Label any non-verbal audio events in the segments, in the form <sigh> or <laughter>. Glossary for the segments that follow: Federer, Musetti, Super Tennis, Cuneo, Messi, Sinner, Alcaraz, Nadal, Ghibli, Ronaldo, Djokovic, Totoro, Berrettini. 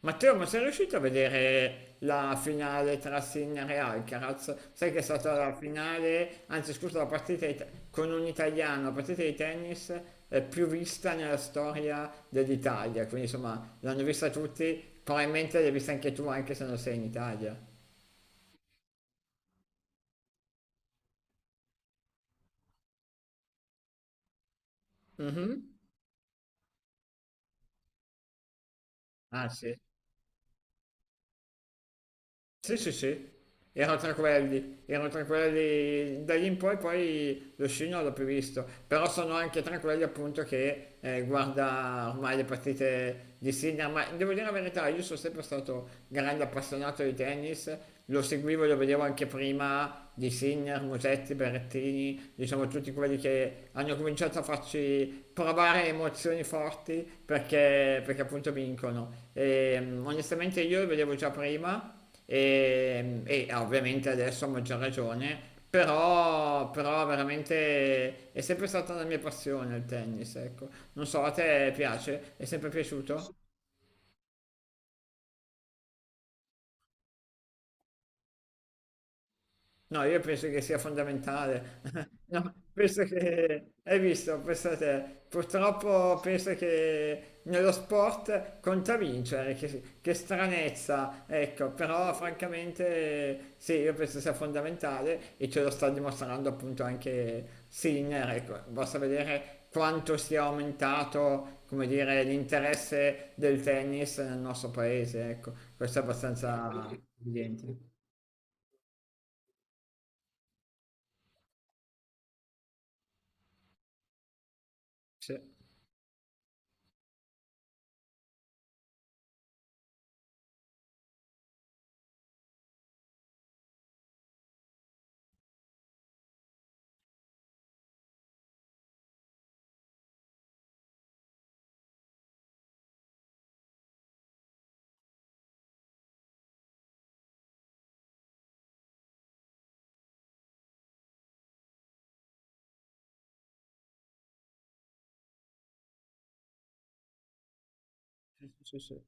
Matteo, ma sei riuscito a vedere la finale tra Sinner e Alcaraz? Sai che è stata la finale, anzi scusa, la partita di te- con un italiano, la partita di tennis più vista nella storia dell'Italia, quindi insomma l'hanno vista tutti, probabilmente l'hai vista anche tu anche se non sei in Italia. Mhm. Ah sì. Sì, sì, sì, erano tranquilli da lì in poi, poi lo sci non l'ho più visto, però sono anche tranquilli appunto che guarda ormai le partite di Sinner, ma devo dire la verità, io sono sempre stato grande appassionato di tennis, lo seguivo e lo vedevo anche prima di Sinner, Musetti, Berrettini, diciamo tutti quelli che hanno cominciato a farci provare emozioni forti perché appunto vincono. E, onestamente io lo vedevo già prima e ovviamente adesso a maggior ragione, però veramente è sempre stata la mia passione il tennis, ecco. Non so, a te piace? È sempre piaciuto? No, io penso che sia fondamentale. <laughs> No, penso che, hai visto, pensa te, purtroppo penso che nello sport conta vincere, che stranezza, ecco, però francamente sì, io penso sia fondamentale e ce lo sta dimostrando appunto anche Sinner, ecco, basta vedere quanto sia aumentato, come dire, l'interesse del tennis nel nostro paese, ecco, questo è abbastanza evidente. Sì, sì, sì, sì.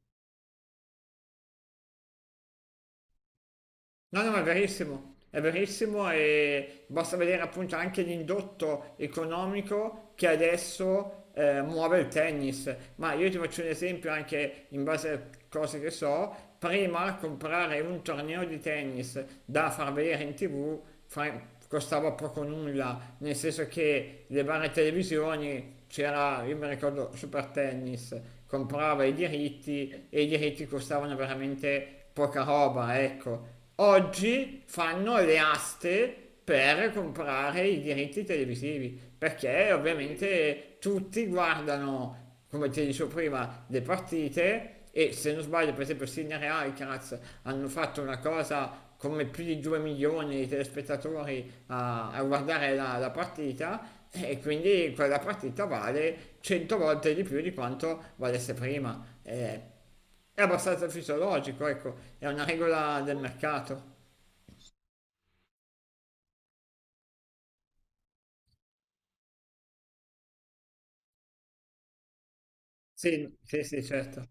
No, no, ma è verissimo e basta vedere appunto anche l'indotto economico che adesso muove il tennis. Ma io ti faccio un esempio anche in base a cose che so, prima comprare un torneo di tennis da far vedere in tv costava poco nulla, nel senso che le varie televisioni c'era, io mi ricordo, Super Tennis, comprava i diritti e i diritti costavano veramente poca roba, ecco oggi fanno le aste per comprare i diritti televisivi, perché ovviamente tutti guardano, come ti dicevo prima, le partite e se non sbaglio per esempio Sinner e Alcaraz hanno fatto una cosa come più di 2 milioni di telespettatori a guardare la partita e quindi quella partita vale 100 volte di più di quanto valesse prima. È abbastanza fisiologico, ecco, è una regola del mercato. Sì, sì, sì, certo.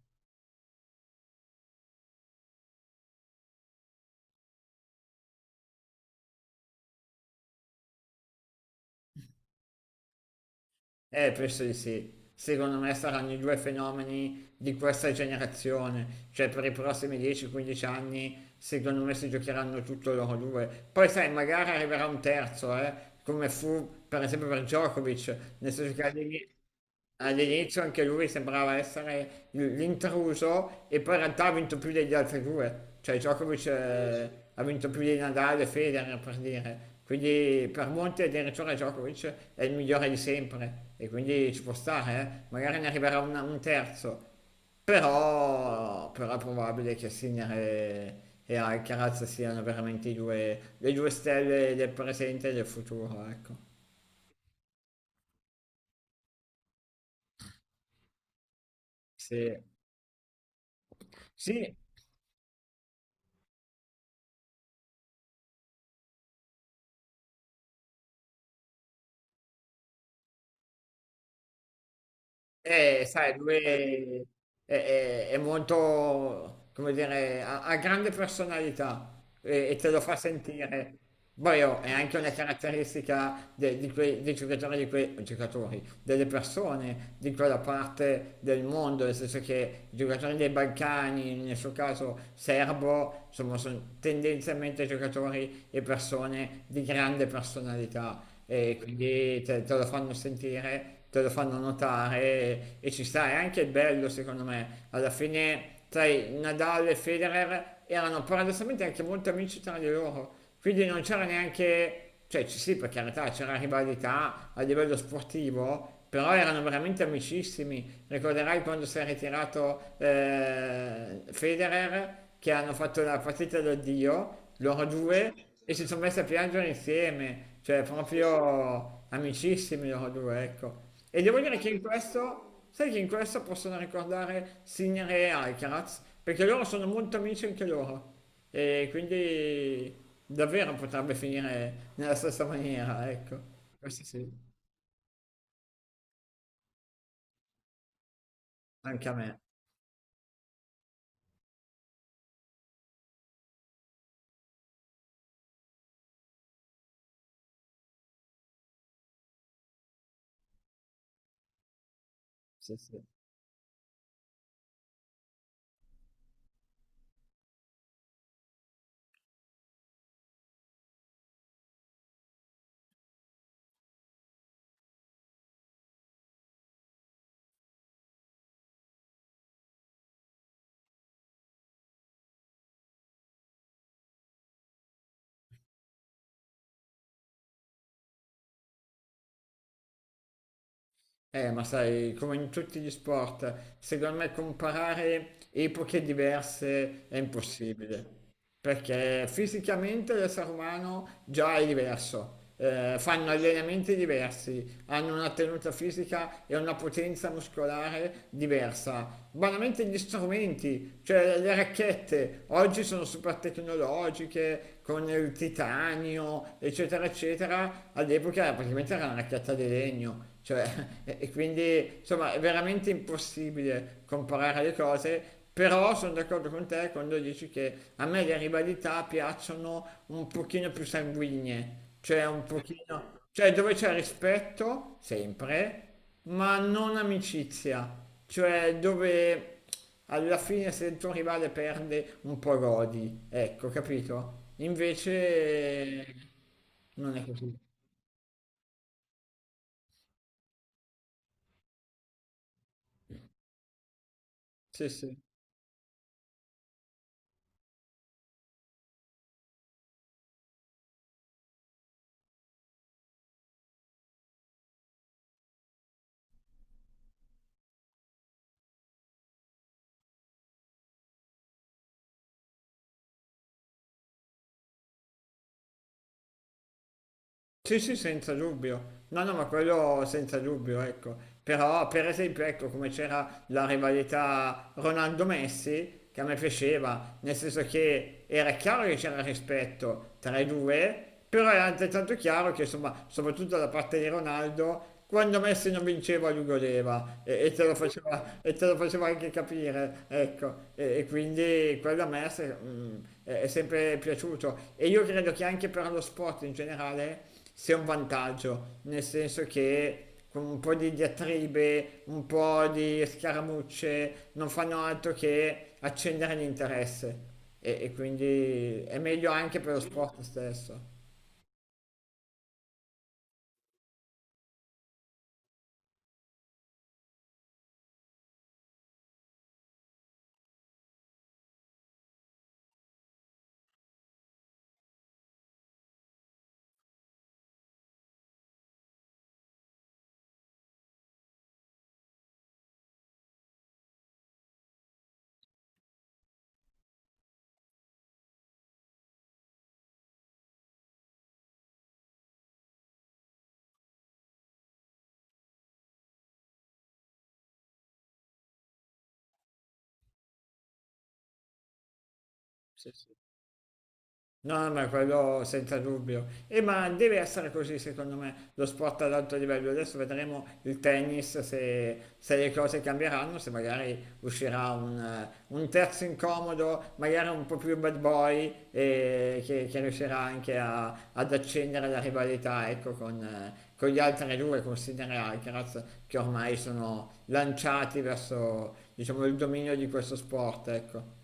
Penso di sì. Secondo me saranno i due fenomeni di questa generazione, cioè per i prossimi 10-15 anni, secondo me si giocheranno tutto loro due. Poi sai, magari arriverà un terzo, come fu per esempio per Djokovic, nel senso che all'inizio anche lui sembrava essere l'intruso e poi in realtà ha vinto più degli altri due, cioè Djokovic. Eh, sì. Ha vinto più di Nadal e Federer per dire, quindi per molti addirittura Djokovic è il migliore di sempre e quindi ci può stare, eh. Magari ne arriverà un terzo, però è probabile che Sinner e Alcaraz siano veramente i due, le due stelle del presente e del futuro, ecco. Sì. Sì. Sai, lui è molto, come dire, ha grande personalità e te lo fa sentire. Poi oh, è anche una caratteristica di quei, dei giocatori, di quei giocatori, delle persone di quella parte del mondo, nel senso che i giocatori dei Balcani, nel suo caso serbo, insomma, sono tendenzialmente giocatori e persone di grande personalità e quindi te lo fanno sentire, te lo fanno notare e ci sta, è anche bello secondo me. Alla fine, sai, Nadal e Federer erano paradossalmente anche molto amici tra di loro, quindi non c'era neanche, cioè ci sì per carità c'era rivalità a livello sportivo, però erano veramente amicissimi. Ricorderai quando si è ritirato Federer, che hanno fatto la partita d'addio, loro due, e si sono messi a piangere insieme, cioè proprio amicissimi loro due, ecco. E devo dire che in questo. Sai che in questa possono ricordare Sinner e Alcaraz, perché loro sono molto amici anche loro. E quindi davvero potrebbe finire nella stessa maniera, ecco. Questo sì, anche a me. Ma sai, come in tutti gli sport, secondo me comparare epoche diverse è impossibile. Perché fisicamente l'essere umano già è diverso, fanno allenamenti diversi, hanno una tenuta fisica e una potenza muscolare diversa. Banalmente gli strumenti, cioè le racchette, oggi sono super tecnologiche, con il titanio, eccetera, eccetera, all'epoca praticamente era una racchetta di legno. Cioè, <laughs> e quindi insomma è veramente impossibile comparare le cose però sono d'accordo con te quando dici che a me le rivalità piacciono un pochino più sanguigne, cioè un pochino, cioè dove c'è rispetto, sempre, ma non amicizia, cioè dove alla fine se il tuo rivale perde un po' godi, ecco, capito? Invece non è così. Sì, sì. Sì, sì, senza dubbio. No, no, ma quello senza dubbio, ecco. Però, per esempio, ecco come c'era la rivalità Ronaldo-Messi, che a me piaceva, nel senso che era chiaro che c'era rispetto tra i due, però era altrettanto chiaro che, insomma, soprattutto da parte di Ronaldo, quando Messi non vinceva lui godeva e te lo faceva, e te lo faceva anche capire, ecco. E quindi quello a me è sempre piaciuto. E io credo che anche per lo sport in generale sia un vantaggio, nel senso che con un po' di diatribe, un po' di scaramucce, non fanno altro che accendere l'interesse e quindi è meglio anche per lo sport stesso. No, ma quello senza dubbio. E ma deve essere così, secondo me, lo sport ad alto livello. Adesso vedremo il tennis, se le cose cambieranno, se magari uscirà un terzo incomodo, magari un po' più bad boy, e che riuscirà anche ad accendere la rivalità, ecco, con gli altri due, con Sinner e Alcaraz, che ormai sono lanciati verso, diciamo, il dominio di questo sport, ecco.